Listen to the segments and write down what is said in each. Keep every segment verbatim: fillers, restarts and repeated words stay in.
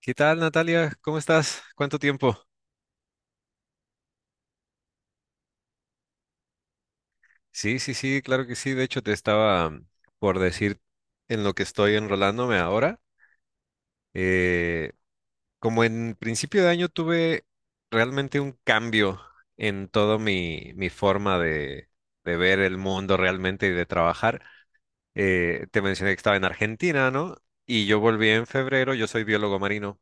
¿Qué tal, Natalia? ¿Cómo estás? ¿Cuánto tiempo? Sí, sí, sí, claro que sí. De hecho, te estaba mm, por decir en lo que estoy enrolándome ahora. Eh, Como en principio de año tuve realmente un cambio en todo mi, mi forma de, de ver el mundo realmente y de trabajar. Eh, te mencioné que estaba en Argentina, ¿no? Y yo volví en febrero, yo soy biólogo marino.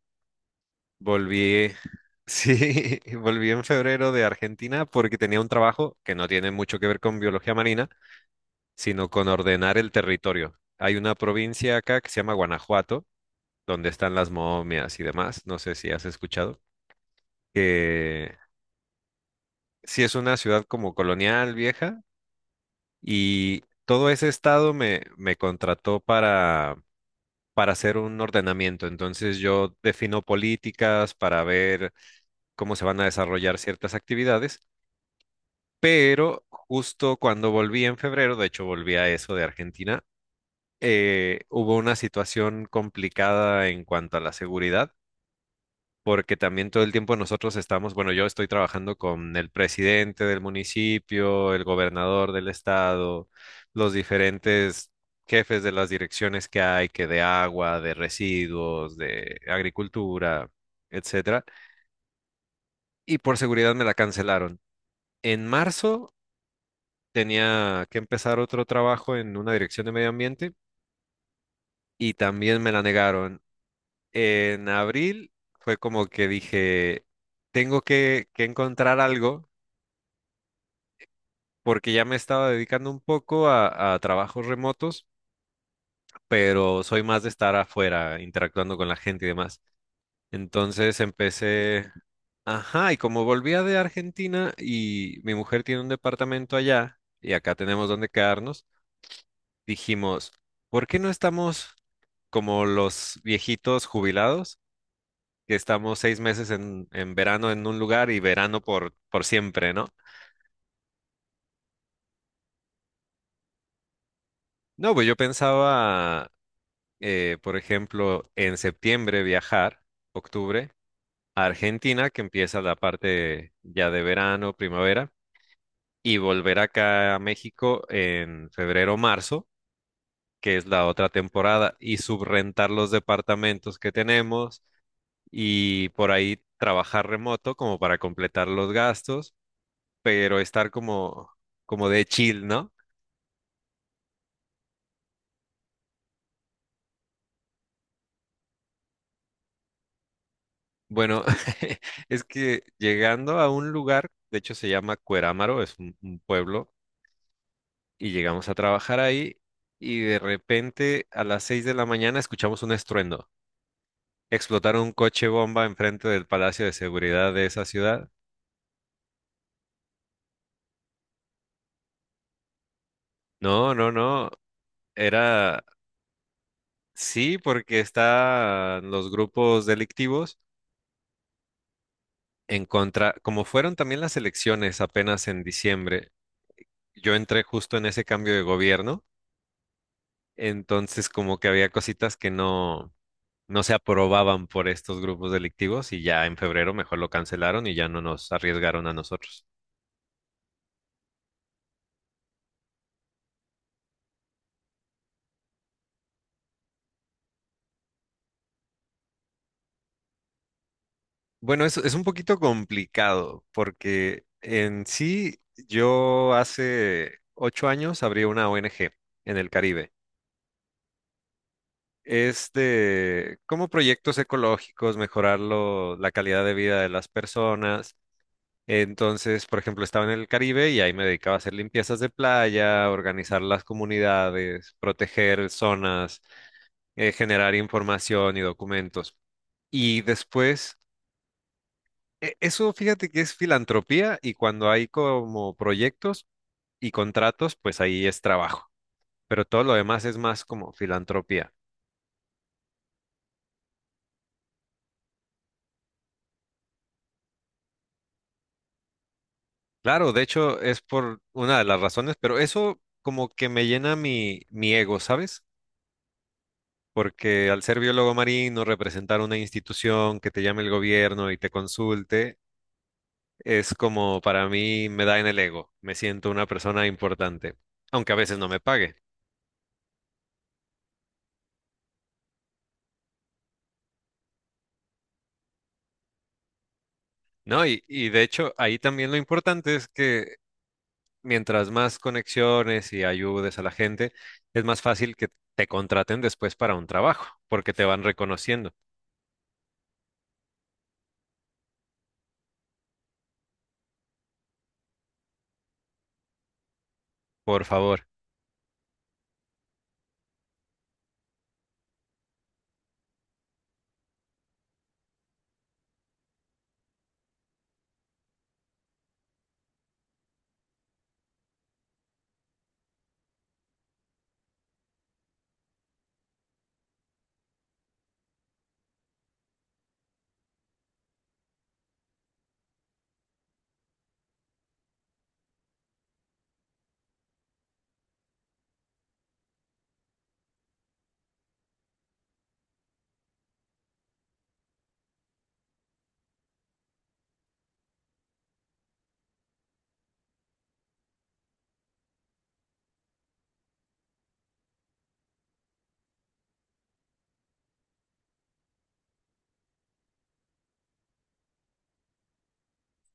Volví, sí, volví en febrero de Argentina porque tenía un trabajo que no tiene mucho que ver con biología marina, sino con ordenar el territorio. Hay una provincia acá que se llama Guanajuato, donde están las momias y demás, no sé si has escuchado, que sí es una ciudad como colonial vieja y todo ese estado me, me contrató para, para hacer un ordenamiento. Entonces yo defino políticas para ver cómo se van a desarrollar ciertas actividades. Pero justo cuando volví en febrero, de hecho volví a eso de Argentina, eh, hubo una situación complicada en cuanto a la seguridad, porque también todo el tiempo nosotros estamos, bueno, yo estoy trabajando con el presidente del municipio, el gobernador del estado, los diferentes jefes de las direcciones que hay, que de agua, de residuos, de agricultura, etcétera, y por seguridad me la cancelaron. En marzo tenía que empezar otro trabajo en una dirección de medio ambiente y también me la negaron. En abril fue como que dije, tengo que, que encontrar algo porque ya me estaba dedicando un poco a, a trabajos remotos, pero soy más de estar afuera, interactuando con la gente y demás. Entonces empecé, ajá, y como volvía de Argentina y mi mujer tiene un departamento allá y acá tenemos donde quedarnos. Dijimos, ¿por qué no estamos como los viejitos jubilados, que estamos seis meses en, en verano en un lugar y verano por, por siempre, ¿no? No, pues yo pensaba, eh, por ejemplo, en septiembre viajar, octubre, a Argentina, que empieza la parte ya de verano, primavera, y volver acá a México en febrero, marzo, que es la otra temporada, y subrentar los departamentos que tenemos y por ahí trabajar remoto como para completar los gastos, pero estar como, como de chill, ¿no? Bueno, es que llegando a un lugar, de hecho se llama Cuerámaro, es un, un pueblo, y llegamos a trabajar ahí y de repente a las seis de la mañana escuchamos un estruendo. Explotaron un coche bomba enfrente del Palacio de Seguridad de esa ciudad. No, no, no, era... Sí, porque están los grupos delictivos. En contra, como fueron también las elecciones apenas en diciembre, yo entré justo en ese cambio de gobierno, entonces como que había cositas que no, no se aprobaban por estos grupos delictivos y ya en febrero mejor lo cancelaron y ya no nos arriesgaron a nosotros. Bueno, es, es un poquito complicado porque en sí yo hace ocho años abrí una O N G en el Caribe. Es de como proyectos ecológicos, mejorar lo- la calidad de vida de las personas. Entonces, por ejemplo, estaba en el Caribe y ahí me dedicaba a hacer limpiezas de playa, organizar las comunidades, proteger zonas, eh, generar información y documentos. Y después, e- eso fíjate que es filantropía y cuando hay como proyectos y contratos, pues ahí es trabajo. Pero todo lo demás es más como filantropía. Claro, de hecho es por una de las razones, pero eso como que me llena mi, mi ego, ¿sabes? Porque al ser biólogo marino, representar una institución que te llame el gobierno y te consulte, es como para mí me da en el ego, me siento una persona importante, aunque a veces no me pague, ¿no? Y, y de hecho ahí también lo importante es que mientras más conexiones y ayudes a la gente, es más fácil que te contraten después para un trabajo, porque te van reconociendo, por favor.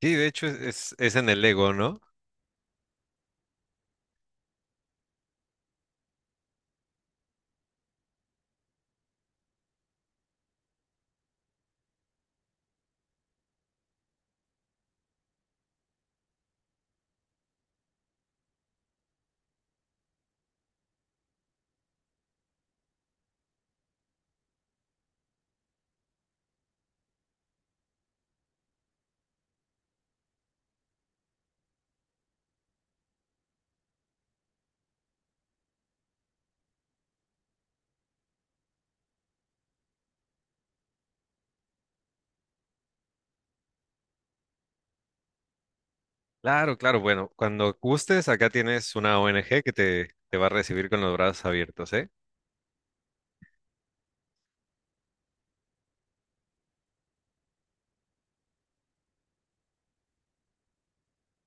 Sí, de hecho es, es- es en el Lego, ¿no? Claro, claro. Bueno, cuando gustes, acá tienes una O N G que te, te va a recibir con los brazos abiertos, ¿eh?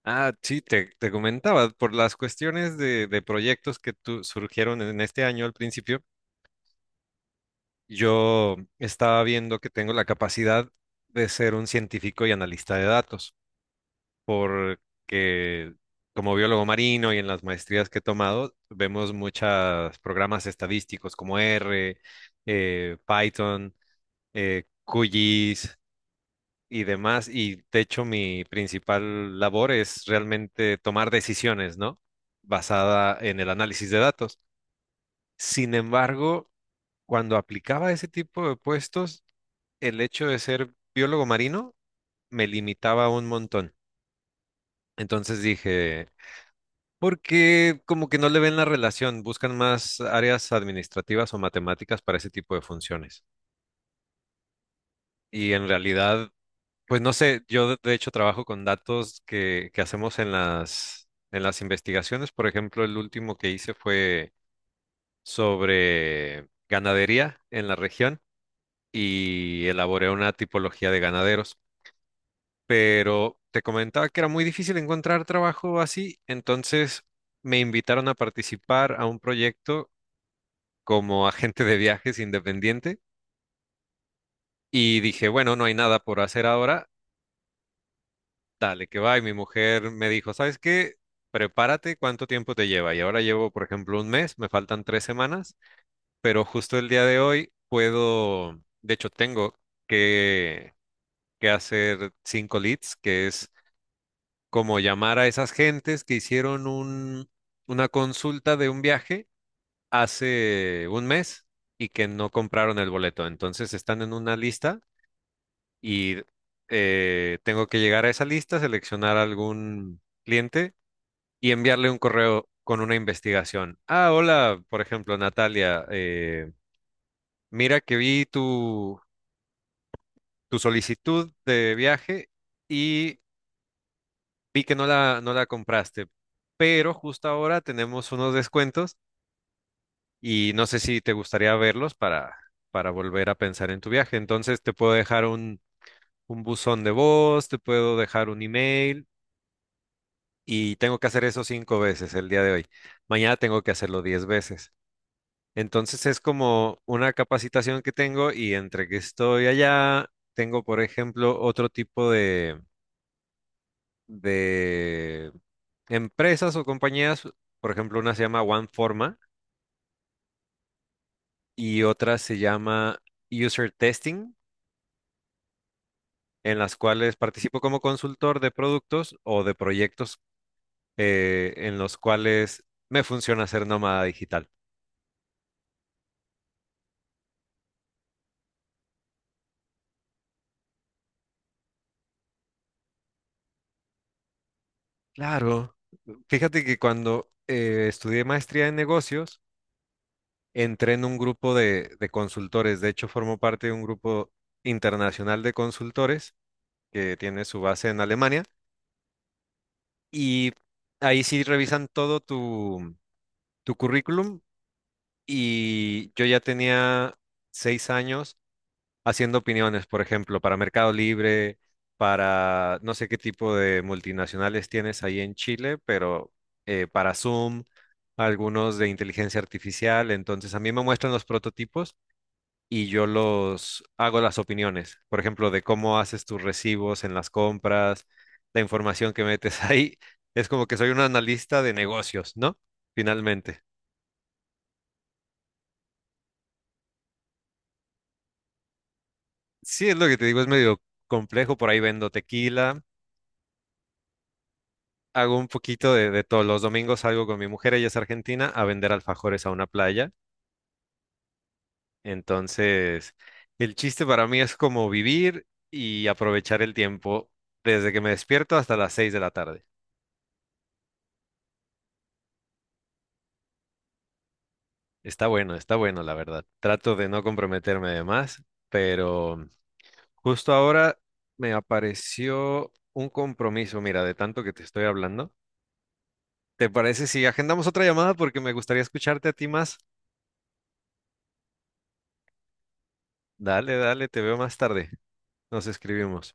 Ah, sí, te, te comentaba, por las cuestiones de, de proyectos que tu- surgieron en este año al principio, yo estaba viendo que tengo la capacidad de ser un científico y analista de datos, porque como biólogo marino y en las maestrías que he tomado, vemos muchos programas estadísticos como R, eh, Python. eh, Q G I S y demás. Y de hecho, mi principal labor es realmente tomar decisiones, ¿no? Basada en el análisis de datos. Sin embargo, cuando aplicaba ese tipo de puestos, el hecho de ser biólogo marino me limitaba un montón. Entonces dije, porque como que no le ven la relación, buscan más áreas administrativas o matemáticas para ese tipo de funciones. Y en realidad, pues no sé, yo de de hecho trabajo con datos que, que hacemos en las, en las investigaciones. Por ejemplo, el último que hice fue sobre ganadería en la región y elaboré una tipología de ganaderos. Pero te comentaba que era muy difícil encontrar trabajo así, entonces me invitaron a participar a un proyecto como agente de viajes independiente y dije, bueno, no hay nada por hacer ahora. Dale, que va. Y mi mujer me dijo, ¿sabes qué? Prepárate, ¿cuánto tiempo te lleva? Y ahora llevo, por ejemplo, un mes, me faltan tres semanas, pero justo el día de hoy puedo, de hecho, tengo que, que hacer cinco leads, que es como llamar a esas gentes que hicieron un, una consulta de un viaje hace un mes y que no compraron el boleto. Entonces están en una lista y eh, tengo que llegar a esa lista, seleccionar algún cliente y enviarle un correo con una investigación. Ah, hola, por ejemplo, Natalia, eh, mira que vi tu, tu solicitud de viaje y vi que no la, no la compraste, pero justo ahora tenemos unos descuentos y no sé si te gustaría verlos para, para volver a pensar en tu viaje. Entonces te puedo dejar un, un buzón de voz, te puedo dejar un email. Y tengo que hacer eso cinco veces el día de hoy. Mañana tengo que hacerlo diez veces. Entonces es como una capacitación que tengo y entre que estoy allá, tengo, por ejemplo, otro tipo de, de empresas o compañías. Por ejemplo, una se llama OneForma y otra se llama User Testing, en las cuales participo como consultor de productos o de proyectos eh, en los cuales me funciona ser nómada digital. Claro. Fíjate que cuando eh, estudié maestría en negocios, entré en un grupo de, de consultores. De hecho, formo parte de un grupo internacional de consultores que tiene su base en Alemania. Y ahí sí revisan todo tu, tu currículum. Y yo ya tenía seis años haciendo opiniones, por ejemplo, para Mercado Libre, para no sé qué tipo de multinacionales tienes ahí en Chile, pero eh, para Zoom, algunos de inteligencia artificial. Entonces, a mí me muestran los prototipos y yo los hago las opiniones, por ejemplo, de cómo haces tus recibos en las compras, la información que metes ahí. Es como que soy un analista de negocios, ¿no? Finalmente. Sí, es lo que te digo, es medio complejo, por ahí vendo tequila, hago un poquito de, de todo. Los domingos salgo con mi mujer, ella es argentina, a vender alfajores a una playa. Entonces, el chiste para mí es como vivir y aprovechar el tiempo desde que me despierto hasta las seis de la tarde. Está bueno, está bueno, la verdad. Trato de no comprometerme de más, pero justo ahora me apareció un compromiso, mira, de tanto que te estoy hablando. ¿Te parece si agendamos otra llamada? Porque me gustaría escucharte a ti más. Dale, dale, te veo más tarde. Nos escribimos.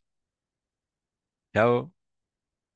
Chao.